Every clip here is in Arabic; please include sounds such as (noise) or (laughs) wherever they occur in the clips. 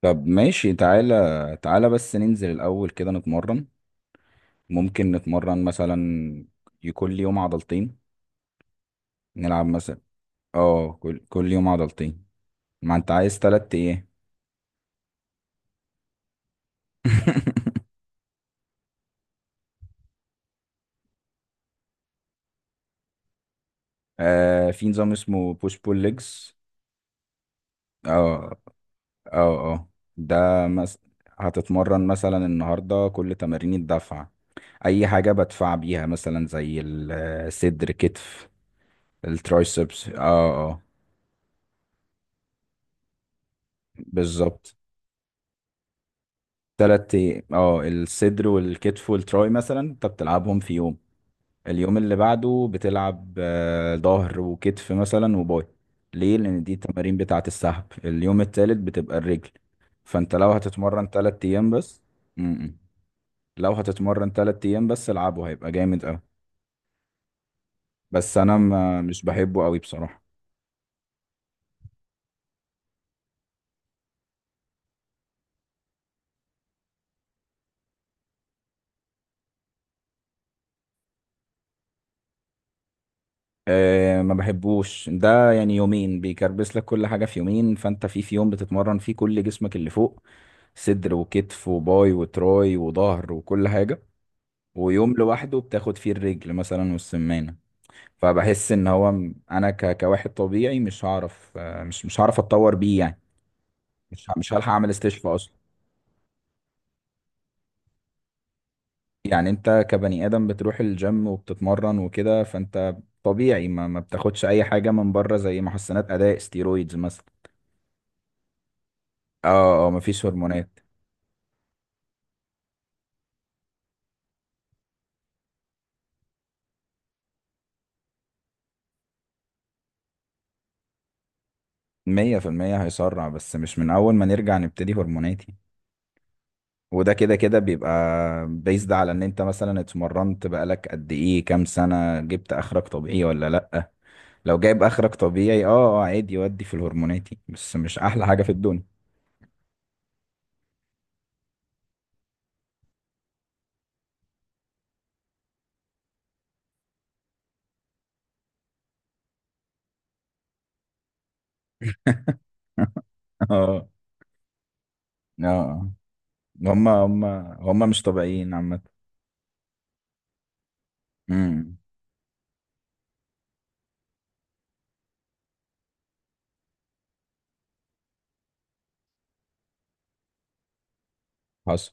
طب ماشي، تعالى بس ننزل الأول كده نتمرن. ممكن نتمرن مثلا كل يوم عضلتين، نلعب مثلا. اه، كل يوم عضلتين. ما انت عايز تلات ايه؟ (laughs) آه، في نظام اسمه بوش بول ليجز. اه اه اه ده مس... هتتمرن مثلا النهاردة كل تمارين الدفع، أي حاجة بدفع بيها، مثلا زي الصدر، كتف، الترايسبس. اه اه، بالظبط. تلات أي- اه الصدر والكتف والتراي مثلا انت بتلعبهم في يوم. اليوم اللي بعده بتلعب ظهر وكتف مثلا وباي، ليه؟ لان دي التمارين بتاعه السحب. اليوم التالت بتبقى الرجل. فانت لو هتتمرن تلات ايام بس. م-م. لو هتتمرن تلات ايام بس العبه هيبقى جامد اوي. بس انا ما مش بحبه قوي بصراحة. أه، ما بحبوش ده. يعني يومين بيكربس لك كل حاجة في يومين، فانت في يوم بتتمرن فيه كل جسمك اللي فوق: صدر وكتف وباي وتراي وظهر وكل حاجة، ويوم لوحده بتاخد فيه الرجل مثلا والسمانة. فبحس ان هو انا كواحد طبيعي مش هعرف، مش هعرف اتطور بيه يعني. مش هلحق اعمل استشفاء اصلا. يعني انت كبني ادم بتروح الجيم وبتتمرن وكده، فانت طبيعي، ما بتاخدش اي حاجة من بره زي محسنات اداء، ستيرويدز مثلا. اه، اه، مفيش هرمونات. مية في المية هيسرع، بس مش من اول ما نرجع نبتدي هرمونات يعني. وده كده كده بيبقى، بيزد على ان انت مثلا اتمرنت بقالك قد ايه، كام سنة، جبت اخرك طبيعي ولا لأ. لو جايب اخرك طبيعي، اه اه، عادي، ودي في الهرموناتي، بس مش احلى حاجة في الدنيا. (laughs) اه، اه. هم هم هم مش طبيعيين عامة. امم، حصل.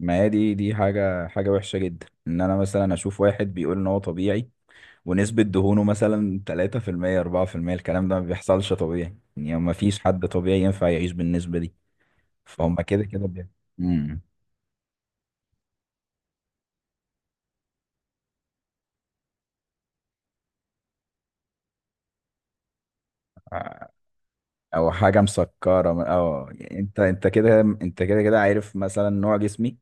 ما هي دي، حاجة وحشة جدا ان انا مثلا اشوف واحد بيقول ان هو طبيعي ونسبة دهونه مثلا 3% 4%. الكلام ده ما بيحصلش طبيعي يعني، ما فيش حد طبيعي ينفع يعيش بالنسبة دي. فهم كده كده بي- امم. او حاجه مسكره، او يعني انت، انت كده كده عارف مثلا نوع جسمي.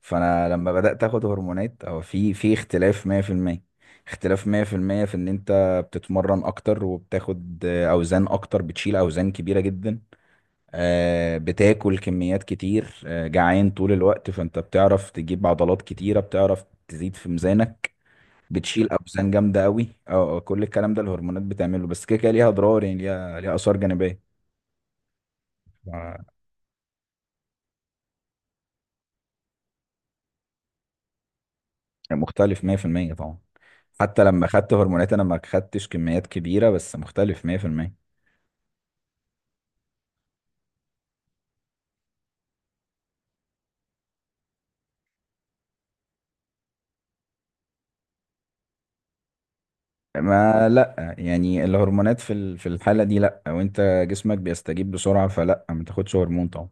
فانا لما بدات اخد هرمونات او في اختلاف 100%، اختلاف 100% في المية، في ان انت بتتمرن اكتر وبتاخد اوزان اكتر، بتشيل اوزان كبيره جدا، آه، بتاكل كميات كتير، آه، جعان طول الوقت، فانت بتعرف تجيب عضلات كتيره، بتعرف تزيد في ميزانك، بتشيل اوزان جامده قوي. اه، آه، كل الكلام ده الهرمونات بتعمله، بس كده كده ليها اضرار يعني، ليها اثار جانبيه. آه، مختلف 100% طبعا. حتى لما خدت هرمونات انا ما خدتش كميات كبيره، بس مختلف 100%. ما لا يعني الهرمونات في الحاله دي لا، وانت جسمك بيستجيب بسرعه، فلا ما تاخدش هرمون طبعا.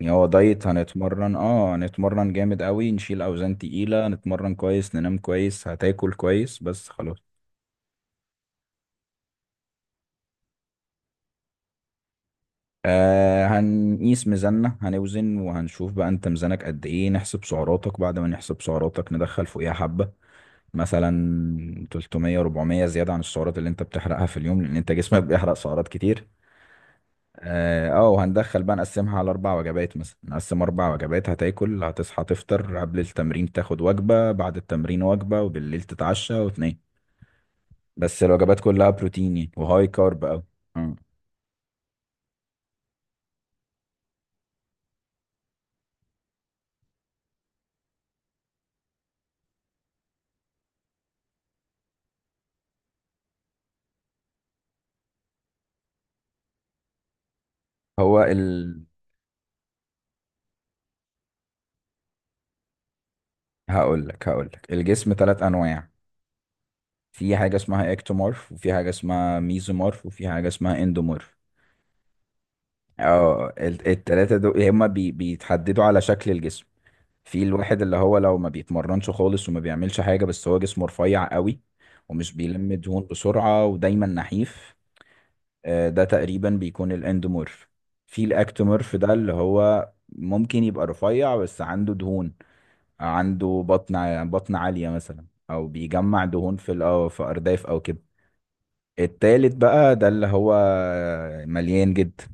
يعني هو دايت، هنتمرن، اه، هنتمرن جامد قوي، نشيل اوزان تقيله، نتمرن كويس، ننام كويس، هتاكل كويس، بس خلاص. آه، هنقيس ميزاننا، هنوزن وهنشوف بقى انت ميزانك قد ايه، نحسب سعراتك، بعد ما نحسب سعراتك ندخل فوقيها حبة، مثلا 300 400 زيادة عن السعرات اللي انت بتحرقها في اليوم، لان انت جسمك بيحرق سعرات كتير. اه، آه، وهندخل بقى نقسمها على اربع وجبات، مثلا نقسم اربع وجبات، هتاكل، هتصحى تفطر قبل التمرين، تاخد وجبة بعد التمرين، وجبة، وبالليل تتعشى وتنام. بس الوجبات كلها بروتين يعني، وهاي كارب اوي. مم. هو ال هقول لك، الجسم ثلاث انواع. في حاجة اسمها اكتومورف، وفي حاجة اسمها ميزومورف، وفي حاجة اسمها اندومورف. اه، التلاتة دول هما بيتحددوا على شكل الجسم. في الواحد اللي هو لو ما بيتمرنش خالص وما بيعملش حاجة بس هو جسمه رفيع قوي ومش بيلم دهون بسرعة ودايما نحيف، آه، ده تقريبا بيكون الاندومورف. في الاكتومورف، ده اللي هو ممكن يبقى رفيع بس عنده دهون، عنده بطن عالية مثلا او بيجمع دهون في في ارداف او كده. التالت بقى ده اللي هو مليان جدا.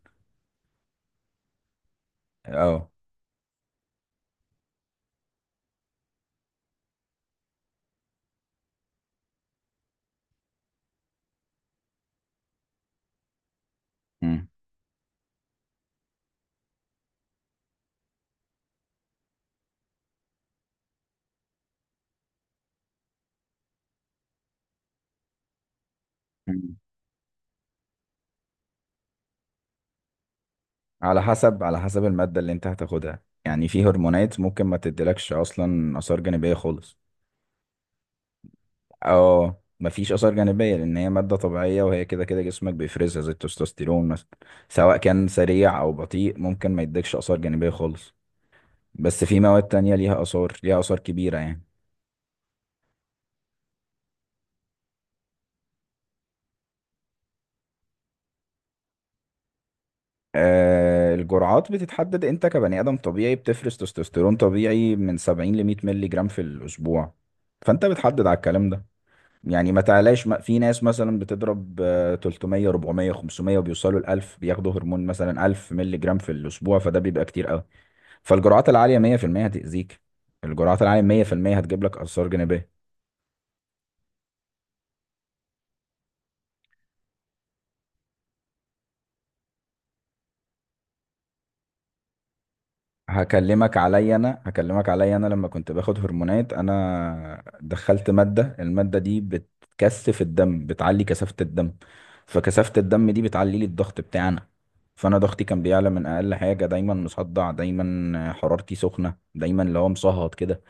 اه، مم. مم. على حسب، على حسب المادة اللي انت هتاخدها يعني. في هرمونات ممكن ما تديلكش اصلا اثار جانبية خالص. اه، مفيش اثار جانبية، لان هي مادة طبيعية، وهي كده كده جسمك بيفرزها زي التستوستيرون مثلا. سواء كان سريع او بطيء، ممكن ما يديكش اثار جانبية خالص. بس في مواد تانية ليها اثار، ليها اثار كبيرة يعني. آه، الجرعات بتتحدد. انت كبني ادم طبيعي بتفرز تستوستيرون طبيعي من 70 ل 100 مللي جرام في الاسبوع. فانت بتحدد على الكلام ده، يعني ما تعلاش. ما في ناس مثلا بتضرب آه، 300 400 500 وبيوصلوا ل 1000، بياخدوا هرمون مثلا 1000 مللي جرام في الاسبوع، فده بيبقى كتير قوي. فالجرعات العاليه 100% هتاذيك، الجرعات العاليه 100% هتجيب لك اثار جانبيه. هكلمك عليا انا، لما كنت باخد هرمونات انا دخلت ماده، الماده دي بتكثف الدم، بتعلي كثافه الدم، فكثافه الدم دي بتعلي لي الضغط بتاعنا. فانا ضغطي كان بيعلى من اقل حاجه، دايما مصدع، دايما حرارتي سخنه، دايما اللي هو مصهد كده.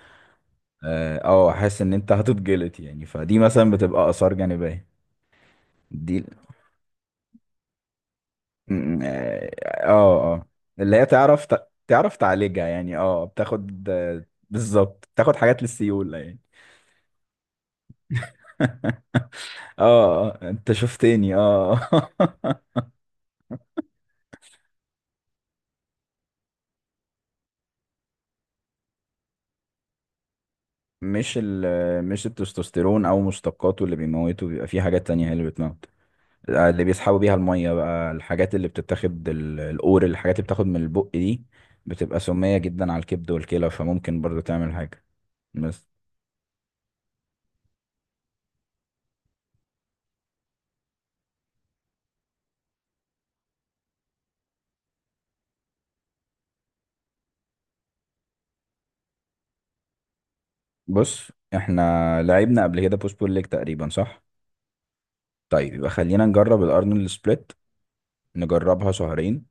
اه، آه، احس ان انت هتتجلط يعني، فدي مثلا بتبقى اثار جانبيه. دي م- اه اه آه. اللي هي تعرف تعرف تعالجها يعني. اه، بتاخد، آه، بالظبط بتاخد حاجات للسيولة يعني. (laughs) اه، اه، انت شفتني، اه. (laughs) مش ال مش التستوستيرون او مشتقاته اللي بيموته، بيبقى في حاجات تانية هي اللي بتموت. آه، اللي بيسحبوا بيها المية بقى، الحاجات اللي بتتاخد القور، الحاجات اللي بتاخد من البق دي، بتبقى سمية جدا على الكبد والكلى، فممكن برضو تعمل حاجة. بس بص، احنا لعبنا قبل كده بوش بول ليج تقريبا، صح؟ طيب يبقى خلينا نجرب الارنولد سبليت، نجربها شهرين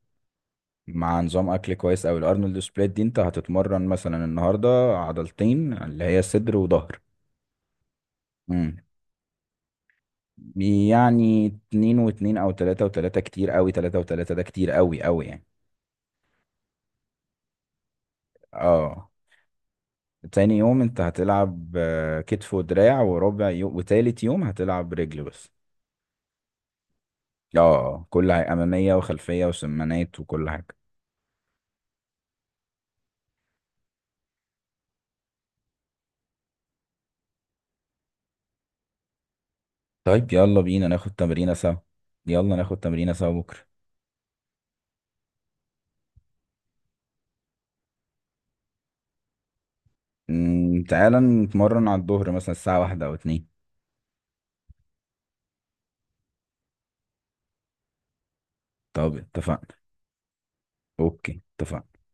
مع نظام اكل كويس اوي. الارنولد سبليت دي انت هتتمرن مثلا النهارده عضلتين، اللي هي صدر وظهر. امم. يعني اتنين واتنين او تلاتة وتلاتة. كتير اوي تلاتة وتلاتة، ده كتير اوي اوي يعني. اه، تاني يوم انت هتلعب آه، كتف ودراع وربع يوم، وتالت يوم هتلعب رجل بس. اه، آه، كل حاجة، امامية وخلفية وسمانات وكل حاجة. طيب يلا بينا ناخد تمرينة سوا، يلا ناخد تمرينة سوا بكرة. مم، تعالى نتمرن على الظهر مثلا الساعة واحدة أو اتنين. طب اتفقنا. أوكي، اتفقنا.